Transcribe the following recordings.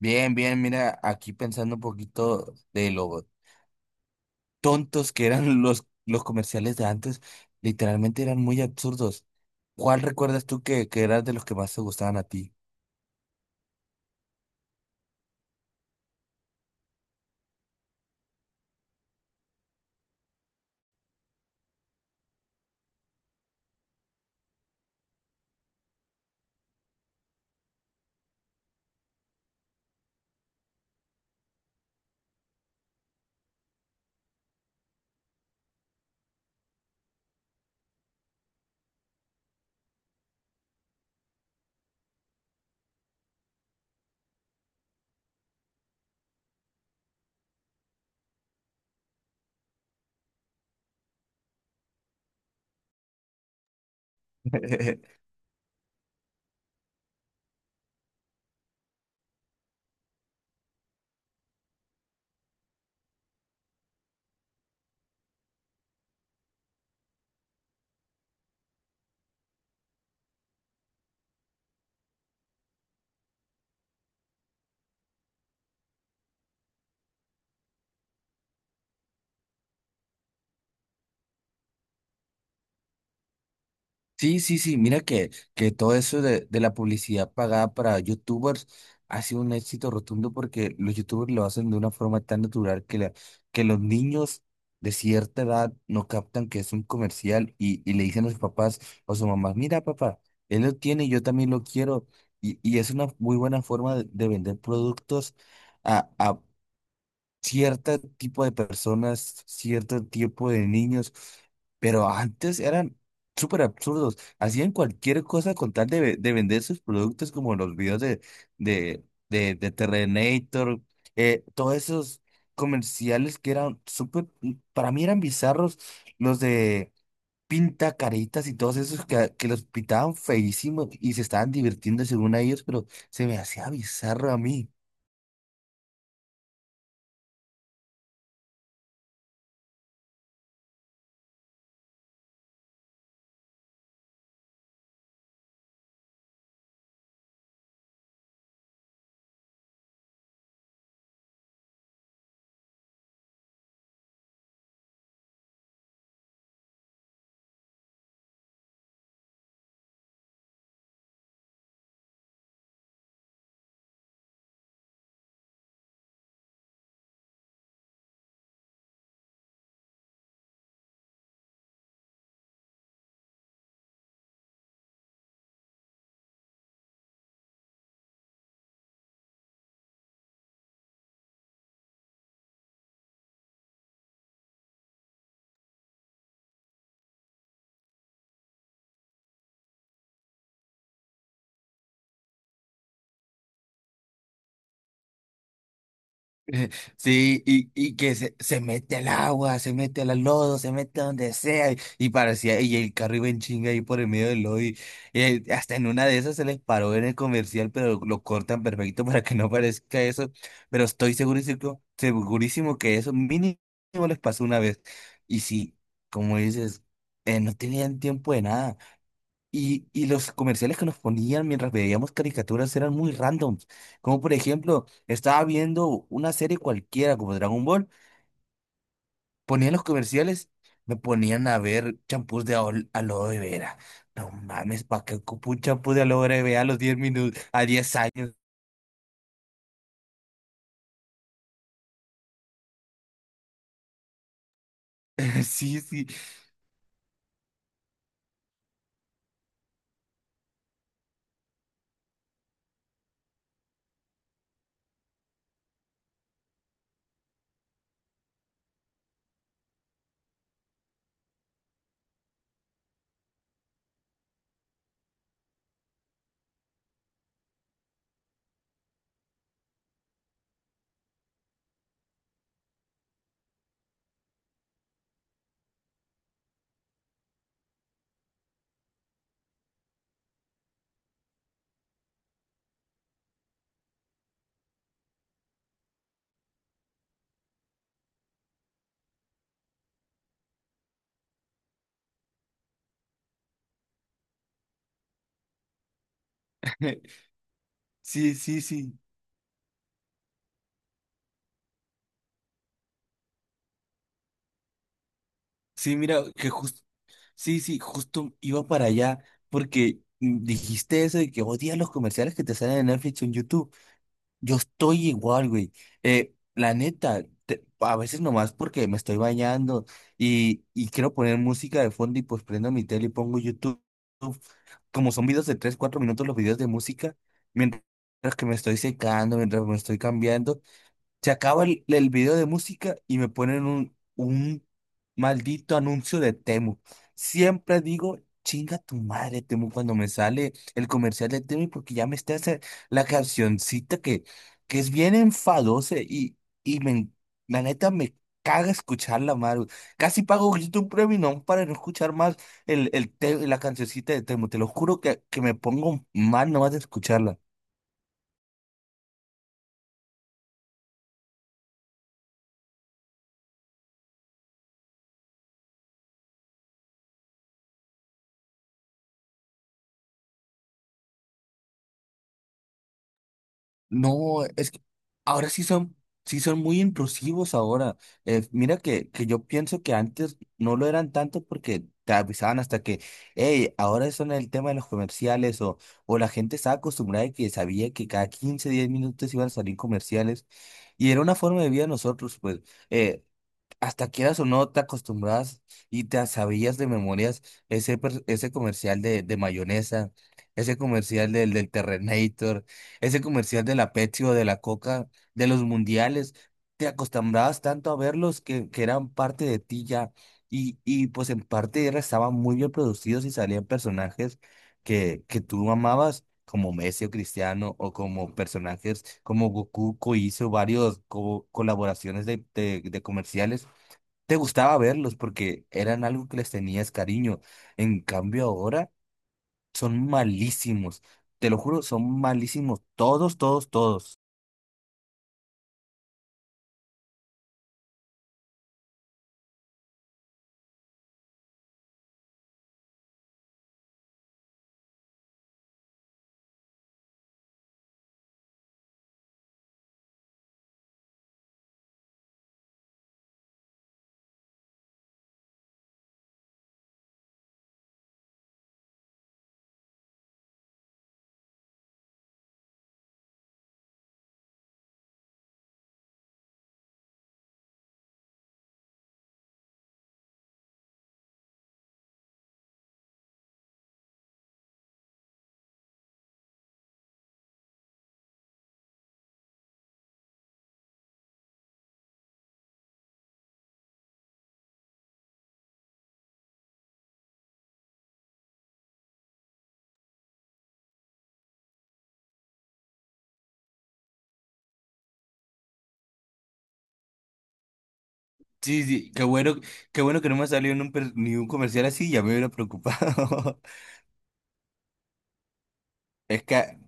Bien, bien, mira, aquí pensando un poquito de lo tontos que eran los comerciales de antes, literalmente eran muy absurdos. ¿Cuál recuerdas tú que eras de los que más te gustaban a ti? Sí, sí, sí, mira que todo eso de la publicidad pagada para youtubers ha sido un éxito rotundo porque los youtubers lo hacen de una forma tan natural que, la, que los niños de cierta edad no captan que es un comercial y le dicen a sus papás o su mamá, mira papá, él lo tiene, yo también lo quiero. Y es una muy buena forma de vender productos cierto tipo de personas, cierto tipo de niños, pero antes eran súper absurdos, hacían cualquier cosa con tal de, de vender sus productos como los videos de, de Terrenator, todos esos comerciales que eran súper, para mí eran bizarros, los de pinta caritas y todos esos que los pintaban feísimos y se estaban divirtiendo según a ellos, pero se me hacía bizarro a mí. Sí, y que se mete al agua, se mete al lodo, se mete donde sea, y parecía, y el carro iba en chinga ahí por el medio del lodo, y, hasta en una de esas se les paró en el comercial, pero lo cortan perfecto para que no parezca eso, pero estoy segurísimo, segurísimo que eso mínimo les pasó una vez, y sí, como dices, no tenían tiempo de nada. Y los comerciales que nos ponían mientras veíamos caricaturas eran muy randoms. Como por ejemplo, estaba viendo una serie cualquiera como Dragon Ball, ponían los comerciales, me ponían a ver champús de aloe vera. No mames, ¿para qué ocupo un champú de aloe vera a los 10 minutos, a 10 años? Sí, sí, sí, sí, sí. Sí, mira, que justo, sí, sí, justo iba para allá porque dijiste eso de que odias los comerciales que te salen en Netflix o en YouTube. Yo estoy igual, güey. La neta, a veces nomás porque me estoy bañando y quiero poner música de fondo y pues prendo mi tele y pongo YouTube. Como son videos de 3 4 minutos los videos de música, mientras que me estoy secando, mientras me estoy cambiando, se acaba el video de música y me ponen un maldito anuncio de Temu. Siempre digo, chinga tu madre, Temu, cuando me sale el comercial de Temu, porque ya me está haciendo la cancioncita que es bien enfadosa y me, la neta me caga escucharla, Maru. Casi pago ahorita un premium para no escuchar más el, la cancioncita de Temu. Te lo juro que me pongo mal nomás de escucharla. No, es que ahora sí son, sí son muy intrusivos ahora. Mira que yo pienso que antes no lo eran tanto porque te avisaban hasta que, hey, ahora son el tema de los comerciales o la gente estaba acostumbrada y que sabía que cada 15 10 minutos iban a salir comerciales y era una forma de vida de nosotros, pues. eh, Hasta quieras o no, te acostumbras y te sabías de memorias ese comercial de mayonesa, ese comercial del Terrenator, ese comercial de la Pepsi o de la Coca, de los mundiales. Te acostumbrabas tanto a verlos que eran parte de ti ya. Y pues en parte estaban muy bien producidos y salían personajes que tú amabas. Como Messi o Cristiano, o como personajes como Goku, que hizo varios colaboraciones de de comerciales te gustaba verlos porque eran algo que les tenías cariño. En cambio ahora son malísimos. Te lo juro, son malísimos. Todos, todos, todos. Sí, sí, qué bueno que no me salió ni ni un comercial así, ya me hubiera preocupado. Es que,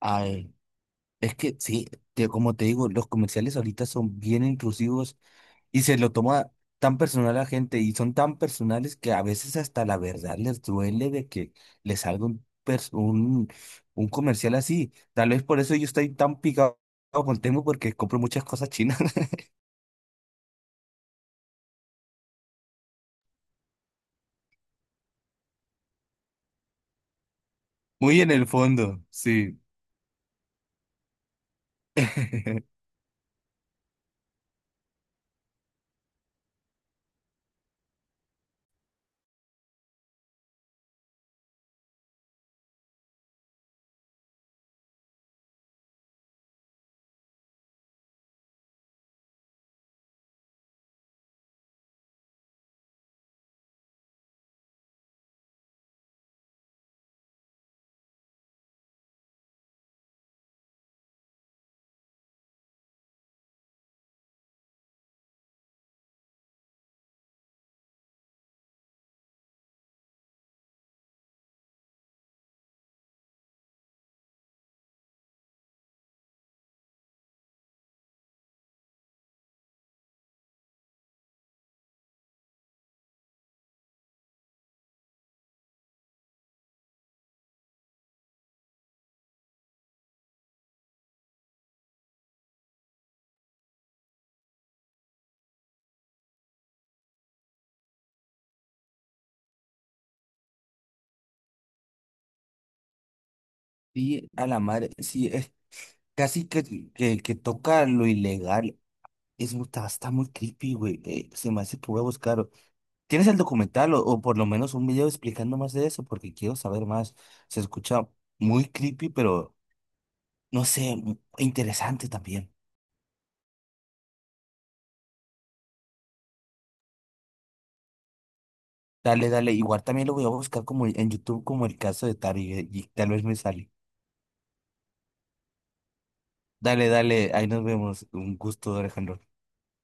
ay, es que sí, como te digo, los comerciales ahorita son bien intrusivos. Y se lo toma tan personal a la gente y son tan personales que a veces hasta la verdad les duele de que les salga un comercial así. Tal vez por eso yo estoy tan picado con Temu porque compro muchas cosas chinas. Muy en el fondo, sí. Sí, a la madre, sí, es casi que toca lo ilegal. Es, está muy creepy, güey. Se me hace que voy a buscar. ¿Tienes el documental o por lo menos un video explicando más de eso? Porque quiero saber más. Se escucha muy creepy, pero no sé, interesante también. Dale, dale. Igual también lo voy a buscar como en YouTube, como el caso de Tari, y tal vez me sale. Dale, dale. Ahí nos vemos. Un gusto, Alejandro.